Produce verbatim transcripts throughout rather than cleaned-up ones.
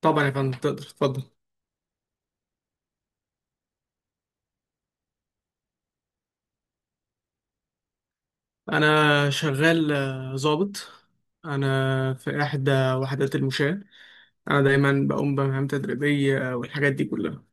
طبعا يا فندم، تقدر تفضل. انا شغال آه، ضابط. انا في احدى وحدات المشاة. انا دايما بقوم بمهام تدريبية، آه، والحاجات دي كلها.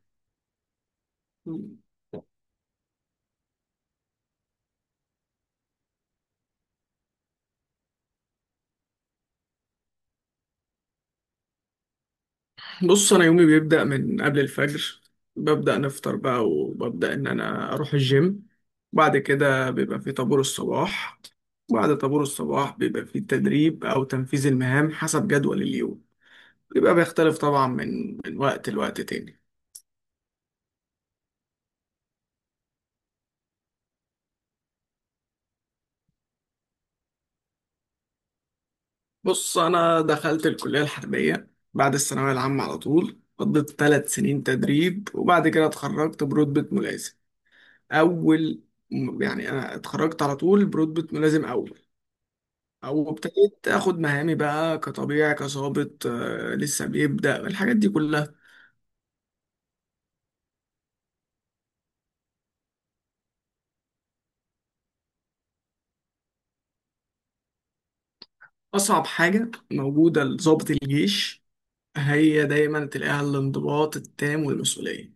بص، انا يومي بيبدأ من قبل الفجر. ببدأ نفطر بقى، وببدأ ان انا اروح الجيم. بعد كده بيبقى في طابور الصباح. بعد طابور الصباح بيبقى في تدريب او تنفيذ المهام حسب جدول اليوم. بيبقى بيختلف طبعا من من وقت لوقت تاني. بص، أنا دخلت الكلية الحربية بعد الثانوية العامة على طول، قضيت ثلاث سنين تدريب، وبعد كده اتخرجت برتبة ملازم أول. م- يعني أنا اتخرجت على طول برتبة ملازم أول. أو ابتديت آخد مهامي بقى كطبيعي كظابط، آه، لسه بيبدأ الحاجات دي كلها. أصعب حاجة موجودة لظابط الجيش هي دايما تلاقيها الانضباط التام والمسؤولية.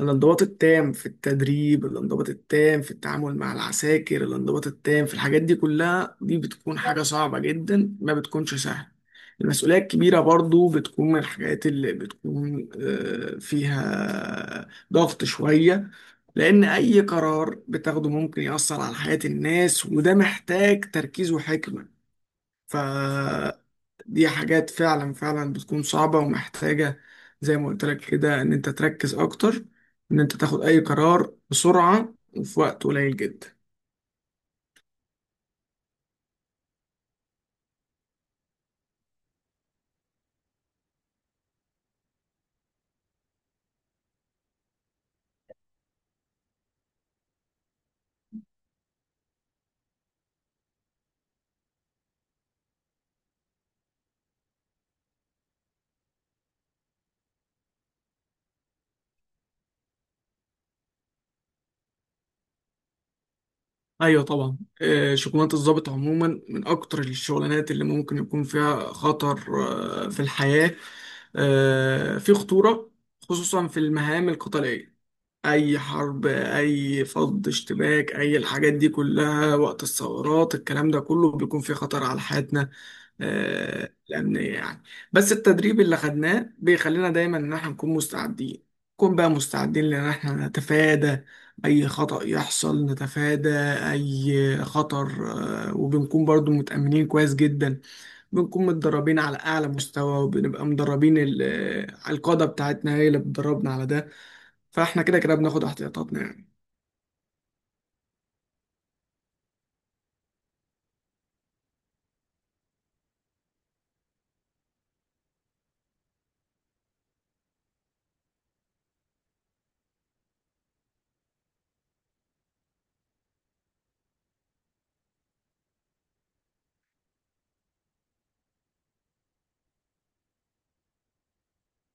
الانضباط التام في التدريب، الانضباط التام في التعامل مع العساكر، الانضباط التام في الحاجات دي كلها، دي بتكون حاجة صعبة جدا، ما بتكونش سهلة. المسؤولية الكبيرة برضو بتكون من الحاجات اللي بتكون آه، فيها ضغط شوية. لأن أي قرار بتاخده ممكن يأثر على حياة الناس، وده محتاج تركيز وحكمة. ف دي حاجات فعلا فعلا بتكون صعبة ومحتاجة، زي ما قلت لك كده، ان انت تركز اكتر، ان انت تاخد اي قرار بسرعة وفي وقت قليل جدا. ايوه طبعا، آه، شغلانة الضابط عموما من اكتر الشغلانات اللي ممكن يكون فيها خطر آه، في الحياة، آه، في خطورة، خصوصا في المهام القتالية. اي حرب، اي فض اشتباك، اي الحاجات دي كلها وقت الثورات، الكلام ده كله بيكون فيه خطر على حياتنا آه، الامنيه يعني. بس التدريب اللي خدناه بيخلينا دايما ان احنا نكون مستعدين، نكون بقى مستعدين لان احنا نتفادى اي خطأ يحصل، نتفادى اي خطر. آه، وبنكون برضو متأمنين كويس جدا، بنكون متدربين على اعلى مستوى، وبنبقى مدربين. ال- آه، القادة بتاعتنا هي اللي بتدربنا على ده، فاحنا كده كده بناخد احتياطاتنا يعني.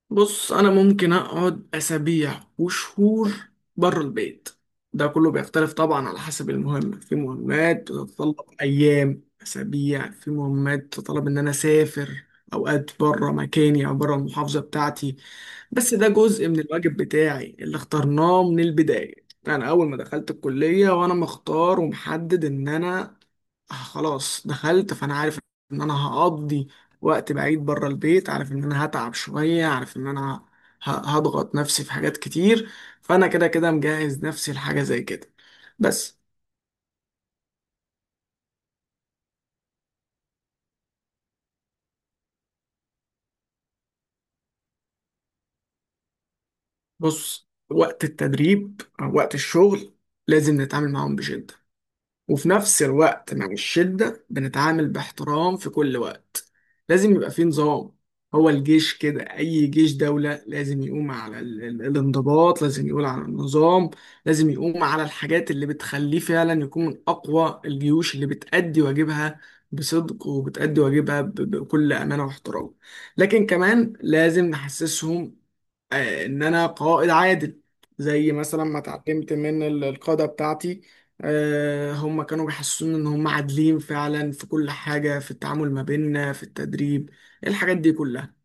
بص، انا ممكن اقعد اسابيع وشهور بره البيت. ده كله بيختلف طبعا على حسب المهمة. في مهمات بتتطلب ايام، اسابيع، في مهمات تتطلب ان انا اسافر اوقات بره مكاني او بره المحافظة بتاعتي، بس ده جزء من الواجب بتاعي اللي اخترناه من البداية. يعني أول ما دخلت الكلية وأنا مختار ومحدد إن أنا آه خلاص دخلت، فأنا عارف إن أنا هقضي وقت بعيد بره البيت، عارف إن أنا هتعب شوية، عارف إن أنا ه- هضغط نفسي في حاجات كتير، فأنا كده كده مجهز نفسي لحاجة زي كده بس. بص، وقت التدريب أو وقت الشغل لازم نتعامل معاهم بجد، وفي نفس الوقت مع الشدة بنتعامل باحترام في كل وقت. لازم يبقى فيه نظام. هو الجيش كده، أي جيش دولة لازم يقوم على ال- ال- الانضباط، لازم يقول على النظام، لازم يقوم على الحاجات اللي بتخليه فعلا يكون من أقوى الجيوش اللي بتأدي واجبها بصدق، وبتأدي واجبها ب- بكل أمانة واحترام. لكن كمان لازم نحسسهم آه، ان انا قائد عادل، زي مثلا ما اتعلمت من ال- القادة بتاعتي. آه، هم كانوا بيحسسوني ان هم عادلين فعلا في كل حاجة، في التعامل ما بيننا، في التدريب، الحاجات دي كلها.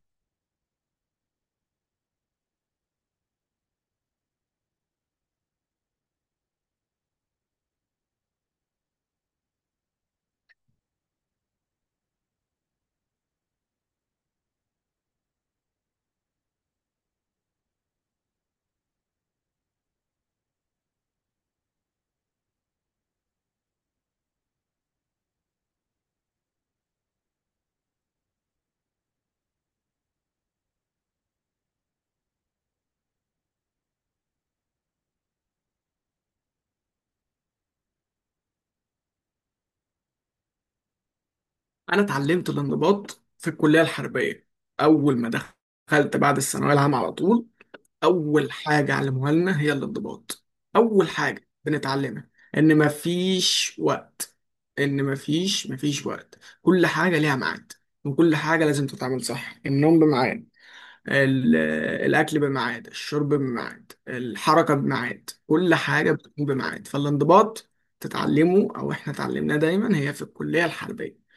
انا اتعلمت الانضباط في الكلية الحربية، اول ما دخلت بعد الثانوية العامة على طول. اول حاجه علموها لنا هي الانضباط، اول حاجه بنتعلمها، ان مفيش وقت، ان مفيش مفيش وقت، كل حاجه ليها ميعاد، وكل حاجه لازم تتعمل صح. النوم بميعاد، ال- الاكل بميعاد، الشرب بميعاد، الحركه بميعاد، كل حاجه بتكون بميعاد. فالانضباط تتعلمه، او احنا اتعلمناه دايما هي في الكليه الحربيه.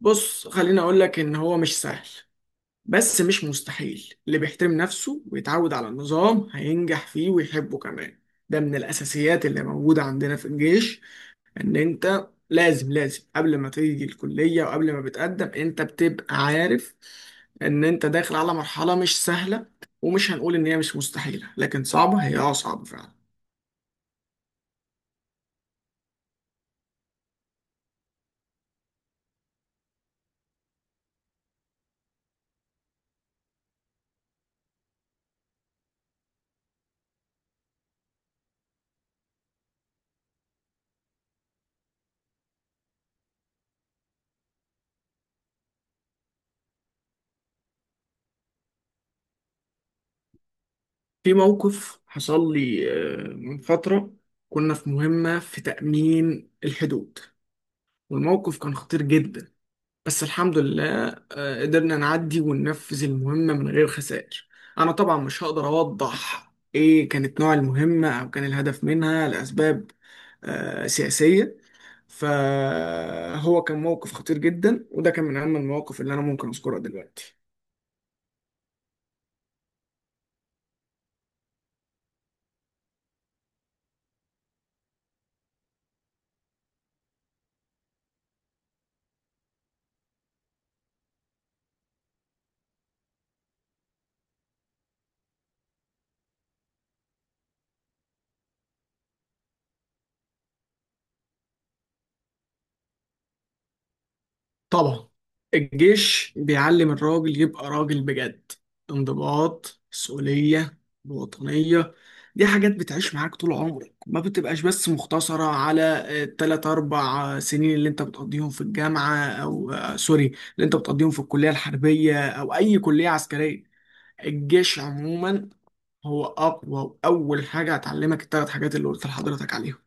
بص، خليني اقول لك ان هو مش سهل، بس مش مستحيل. اللي بيحترم نفسه ويتعود على النظام هينجح فيه ويحبه كمان. ده من الأساسيات اللي موجودة عندنا في الجيش، إن أنت لازم لازم قبل ما تيجي الكلية وقبل ما بتقدم أنت بتبقى عارف إن أنت داخل على مرحلة مش سهلة، ومش هنقول إن هي مش مستحيلة، لكن صعبة، هي أه صعبة فعلا. في موقف حصل لي آه، من فترة، كنا في مهمة في تأمين الحدود، والموقف كان خطير جدا، بس الحمد لله آه، قدرنا نعدي وننفذ المهمة من غير خسائر. أنا طبعا مش هقدر أوضح إيه كانت نوع المهمة أو كان الهدف منها لأسباب آه، سياسية. فهو كان موقف خطير جدا، وده كان من أهم المواقف اللي أنا ممكن أذكرها دلوقتي. طبعا، الجيش بيعلم الراجل يبقى راجل بجد. انضباط، مسؤولية، وطنية، دي حاجات بتعيش معاك طول عمرك، ما بتبقاش بس مختصرة على التلات أربع سنين اللي أنت بتقضيهم في الجامعة، أو آه، سوري، اللي أنت بتقضيهم في الكلية الحربية أو أي كلية عسكرية. الجيش عموما هو أقوى وأول حاجة هتعلمك التلات حاجات اللي قلت لحضرتك عليهم.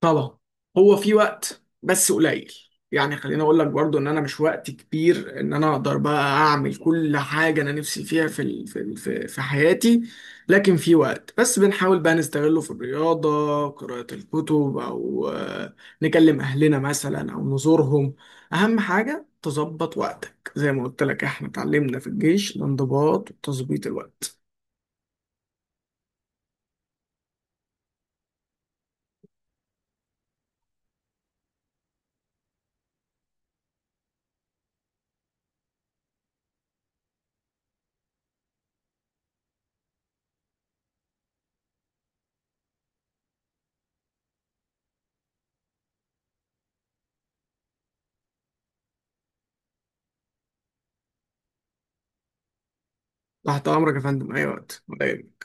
طبعا، هو في وقت بس قليل، يعني خليني اقول لك برضو ان انا مش وقت كبير ان انا اقدر بقى اعمل كل حاجه انا نفسي فيها في ال- في ال- في في حياتي، لكن في وقت بس بنحاول بقى نستغله في الرياضه، قراءه الكتب، او آه، نكلم اهلنا مثلا او نزورهم. اهم حاجه تظبط وقتك، زي ما قلت لك احنا اتعلمنا في الجيش الانضباط وتظبيط الوقت. تحت امرك يا فندم، اي وقت.